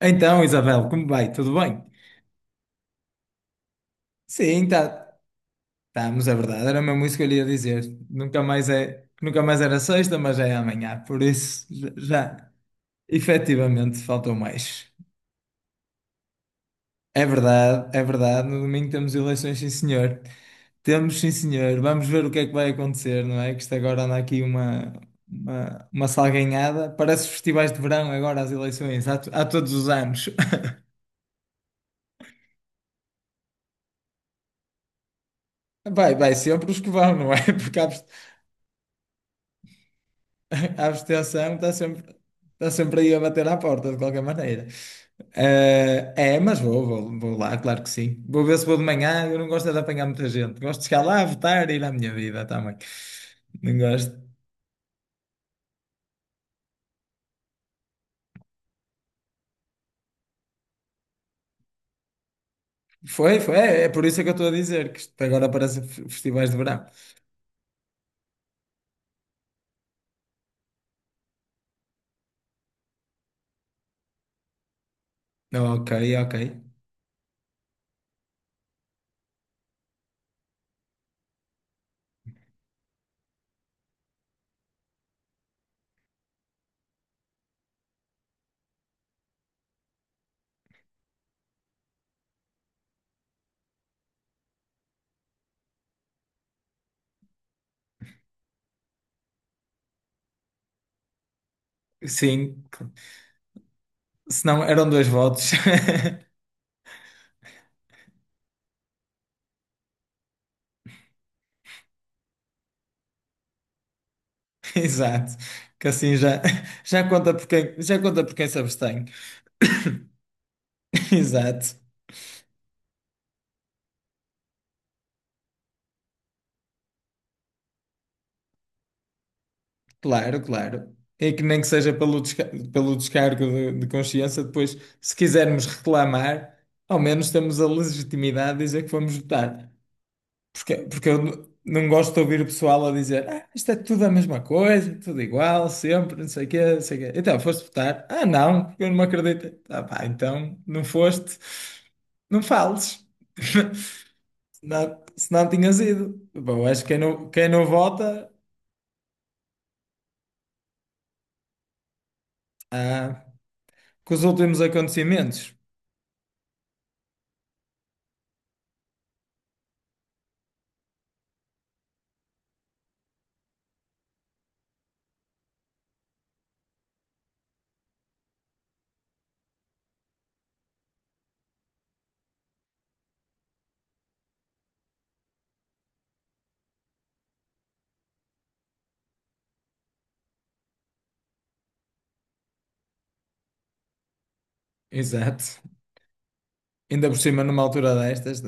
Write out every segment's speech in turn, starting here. Então, Isabel, como vai? Tudo bem? Sim, tá, estamos, é verdade. Era mesmo isso que eu lhe ia dizer. Nunca mais é, nunca mais era sexta, mas já é amanhã. Por isso, já, já, efetivamente faltou mais. É verdade, é verdade. No domingo temos eleições, sim, senhor. Temos, sim, senhor. Vamos ver o que é que vai acontecer, não é? Que isto agora anda aqui uma salganhada. Parece festivais de verão agora, as eleições, há, há todos os anos. Vai, vai sempre os que vão, não é? Porque há, a abstenção está sempre aí a bater à porta, de qualquer maneira. É, mas vou, vou, vou lá, claro que sim. Vou ver se vou de manhã. Eu não gosto é de apanhar muita gente. Gosto de chegar lá, votar e ir à minha vida também. Não gosto. Foi, foi. É, é por isso é que eu estou a dizer que isto agora parece festivais de verão. Ok, ok. Sim. Se não, eram dois votos. Exato. Que assim já, já conta por quem, já conta por quem se abstém. Exato. Claro, claro. É que nem que seja pelo, pelo descargo de consciência, depois, se quisermos reclamar, ao menos temos a legitimidade de dizer que fomos votar. Porque, porque eu não gosto de ouvir o pessoal a dizer, ah, isto é tudo a mesma coisa, tudo igual, sempre, não sei o quê, não sei o quê. Então, foste votar? Ah, não, porque eu não me acredito. Ah, pá, então, não foste, não fales. Se não, se não tinhas ido. Bom, acho que quem não vota, ah, com os últimos acontecimentos. Exato. Ainda por cima, numa altura destas.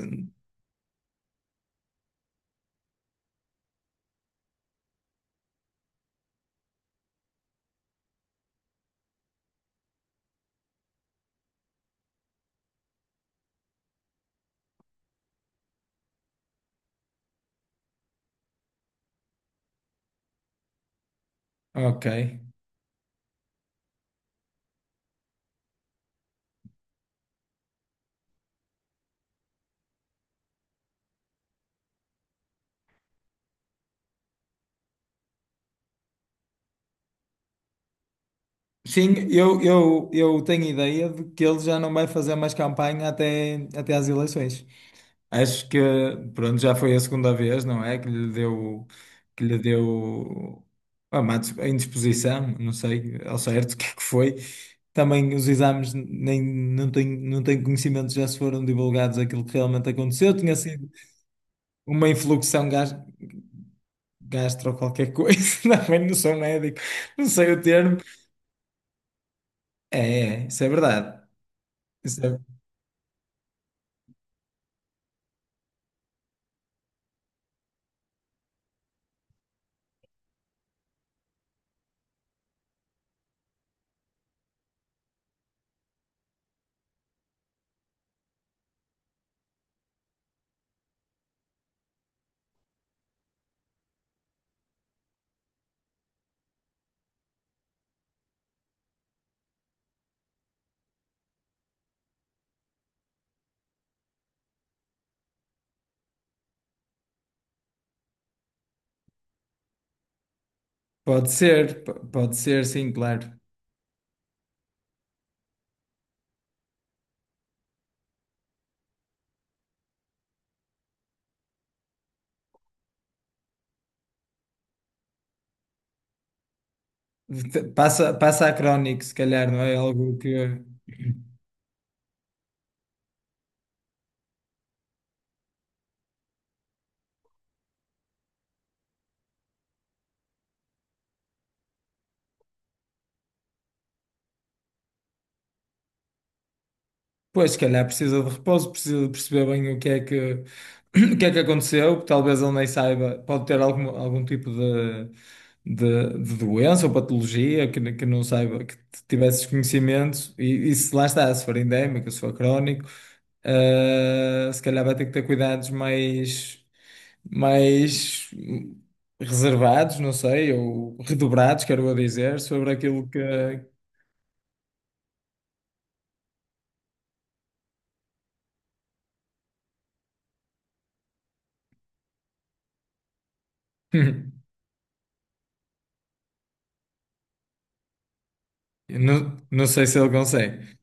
Ok. Sim, eu tenho ideia de que ele já não vai fazer mais campanha até, até às eleições. Acho que, pronto, já foi a segunda vez, não é? Que lhe deu a indisposição, não sei ao certo o que é que foi. Também os exames nem, não tenho, não tenho conhecimento, já se foram divulgados aquilo que realmente aconteceu. Tinha sido uma influxão gastro qualquer coisa, também não sou médico, não sei o termo. É, é, isso é verdade. Isso é- pode ser, pode ser, sim, claro. Te- passa, passa a crónico, se calhar, não é algo que. Pois, se calhar precisa de repouso, precisa de perceber bem o que é que, o que é que aconteceu, talvez ele nem saiba, pode ter algum, algum tipo de doença ou patologia que, que não saiba, que tivesse desconhecimento, e se lá está, se for endémico, se for crónico. Se calhar vai ter que ter cuidados mais, mais reservados, não sei, ou redobrados, quero eu dizer, sobre aquilo que. Não, não sei se ele consegue.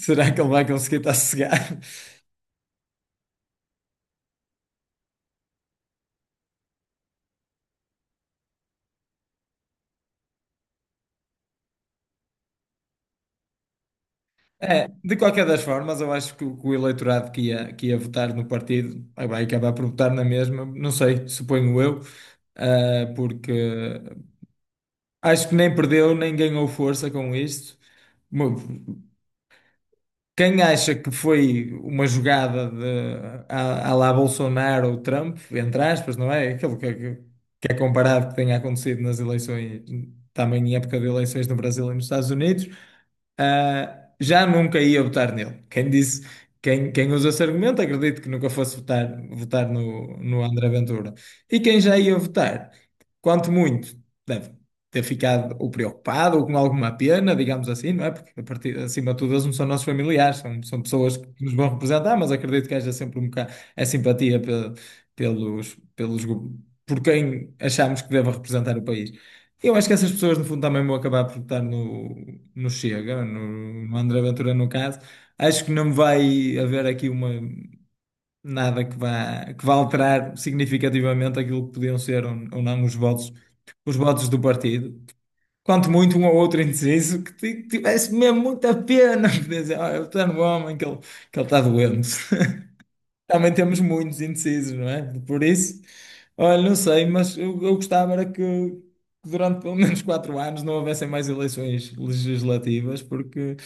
Será que ele vai conseguir estar sossegado? É, de qualquer das formas, eu acho que o eleitorado que ia votar no partido vai acabar por votar na mesma, não sei, suponho eu, ah, porque acho que nem perdeu nem ganhou força com isto. Quem acha que foi uma jogada de, à, à lá Bolsonaro ou Trump, entre aspas, não é? Aquilo que, que é comparado que tenha acontecido nas eleições, também em época de eleições no Brasil e nos Estados Unidos, ah, já nunca ia votar nele. Quem disse, quem, quem usa esse argumento, acredito que nunca fosse votar, votar no, no André Ventura. E quem já ia votar, quanto muito ter ficado ou preocupado ou com alguma pena, digamos assim, não é? Porque a partir, acima de tudo eles não são nossos familiares, são, são pessoas que nos vão representar, mas acredito que haja sempre um bocado a simpatia pelos, pelos, por quem achamos que deve representar o país. Eu acho que essas pessoas, no fundo, também vão acabar por votar no, no Chega, no, no André Ventura, no caso. Acho que não vai haver aqui uma, nada que vá, que vá alterar significativamente aquilo que podiam ser ou não os votos do partido. Quanto muito um ou outro indeciso que tivesse mesmo muita pena de dizer, ah, eu estou no homem que ele está doente. Também temos muitos indecisos, não é? Por isso, olha, não sei, mas eu gostava era que durante pelo menos 4 anos não houvessem mais eleições legislativas, porque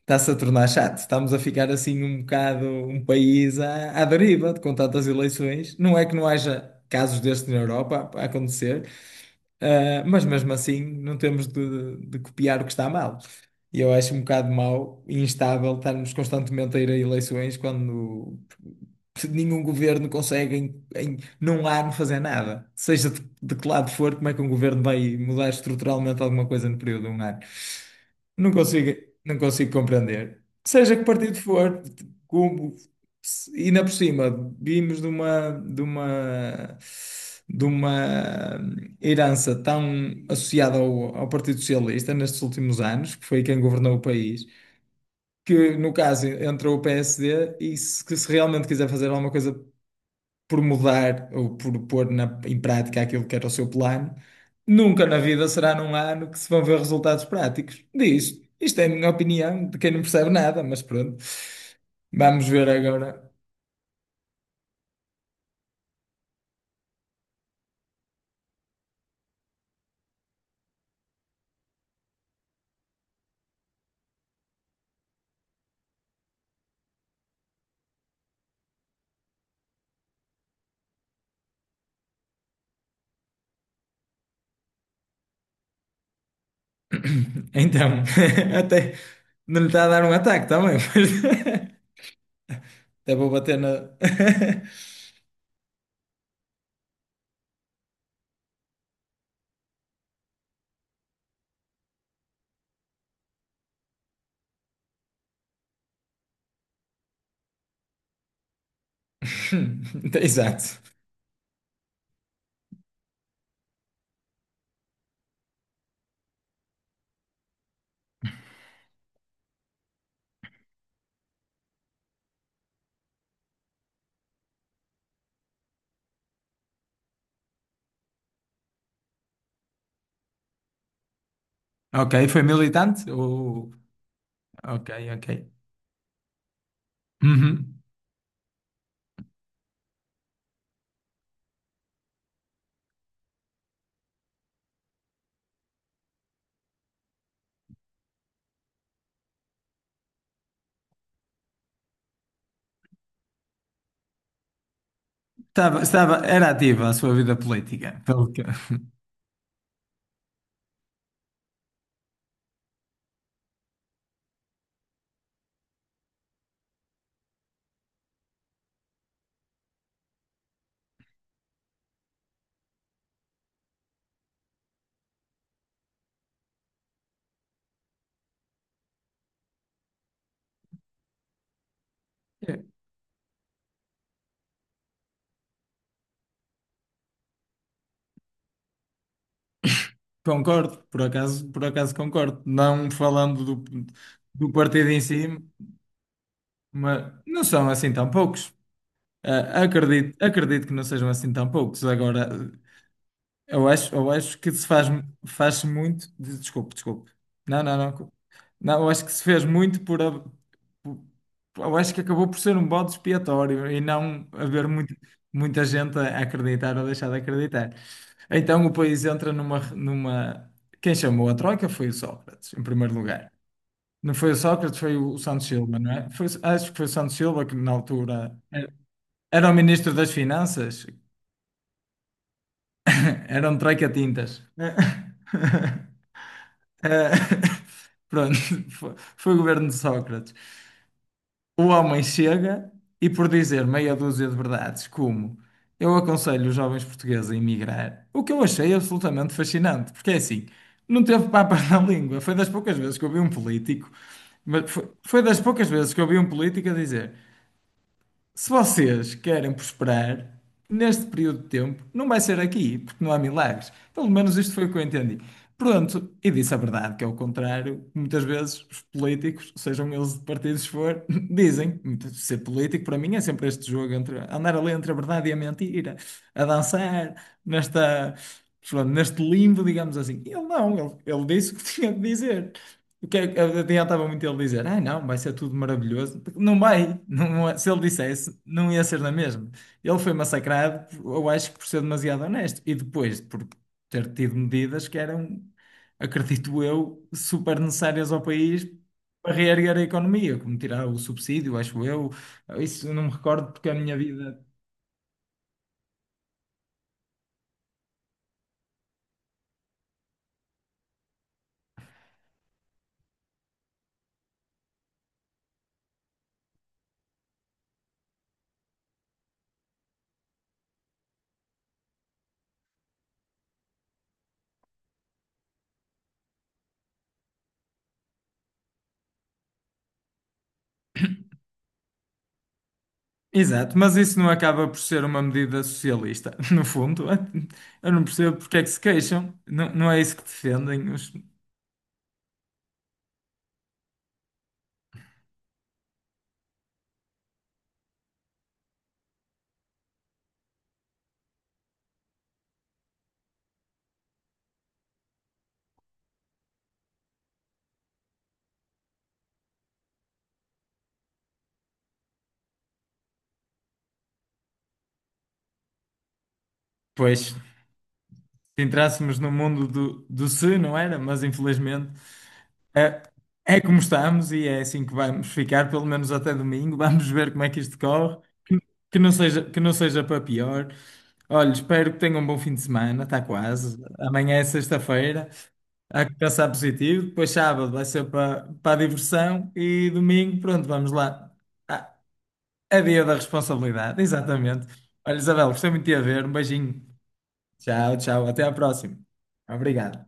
está-se a tornar chato. Estamos a ficar assim um bocado um país à, à deriva com tantas eleições. Não é que não haja casos destes na Europa a acontecer. Ah, mas mesmo assim não temos de copiar o que está mal. E eu acho um bocado mau e instável estarmos constantemente a ir a eleições quando nenhum governo consegue em, em num ano fazer nada. Seja de que lado for, como é que um governo vai mudar estruturalmente alguma coisa no período de 1 ano? Não consigo, não consigo compreender. Seja que partido for, como, se- e ainda por cima, vimos de uma, de uma, de uma herança tão associada ao, ao Partido Socialista nestes últimos anos, que foi quem governou o país, que no caso entrou o PSD, e se, que se realmente quiser fazer alguma coisa por mudar ou por pôr em prática aquilo que era o seu plano, nunca na vida será num 1 ano que se vão ver resultados práticos disto. Isto é a minha opinião, de quem não percebe nada, mas pronto. Vamos ver agora. Então, até não lhe está a dar um ataque também, mas até vou bater na. Exato. Ok, foi militante? Ou- Ok, ok. Uhum. Estava, estava, era ativa a sua vida política, pelo que... Concordo, por acaso concordo. Não falando do, do partido em si, mas não são assim tão poucos. Ah, acredito, acredito que não sejam assim tão poucos. Agora, eu acho que se faz, faz-se muito. Desculpe, desculpe. Não, não, não. Não, eu acho que se fez muito por, a- eu acho que acabou por ser um bode expiatório e não haver muita gente a acreditar ou deixar de acreditar. Então o país entra numa, numa... Quem chamou a troika foi o Sócrates, em primeiro lugar. Não foi o Sócrates, foi o Santos Silva, não é? Foi- acho que foi o Santos Silva que na altura era era o ministro das Finanças. Era um troika-tintas. Eh, pronto, foi, foi o governo de Sócrates. O homem chega e por dizer meia dúzia de verdades, como eu aconselho os jovens portugueses a emigrar, o que eu achei absolutamente fascinante, porque é assim, não teve papas na língua, foi das poucas vezes que eu vi um político, mas foi, foi das poucas vezes que eu vi um político a dizer. Se vocês querem prosperar neste período de tempo, não vai ser aqui, porque não há milagres. Pelo menos isto foi o que eu entendi. Pronto, e disse a verdade, que é o contrário. Muitas vezes os políticos, sejam eles de partidos for, dizem, ser político para mim é sempre este jogo entre andar ali entre a verdade e a mentira, a dançar nesta, pronto, neste limbo, digamos assim. Ele não, ele disse o que tinha de dizer. O que é que- adiantava muito ele dizer, ah, não, vai ser tudo maravilhoso. Porque não vai, não, é- se ele dissesse, não ia ser na mesma. Ele foi massacrado, eu acho que por ser demasiado honesto. E depois, por ter tido medidas que eram, acredito eu, super necessárias ao país para reerguer a economia, como tirar o subsídio, acho eu. Isso eu não me recordo porque a minha vida. Exato, mas isso não acaba por ser uma medida socialista, no fundo. Eu não percebo porque é que se queixam. Não, não é isso que defendem. Pois, se entrássemos no mundo do, do se, não era? Mas infelizmente é, é como estamos e é assim que vamos ficar, pelo menos até domingo. Vamos ver como é que isto corre. Que, que não seja para pior. Olha, espero que tenham um bom fim de semana, está quase. Amanhã é sexta-feira, há que pensar positivo. Depois sábado vai ser para, para a diversão e domingo, pronto, vamos lá. Ah, é dia da responsabilidade, exatamente. Olha, Isabel, gostei muito de te ver. Um beijinho. Tchau, tchau. Até a próxima. Obrigado.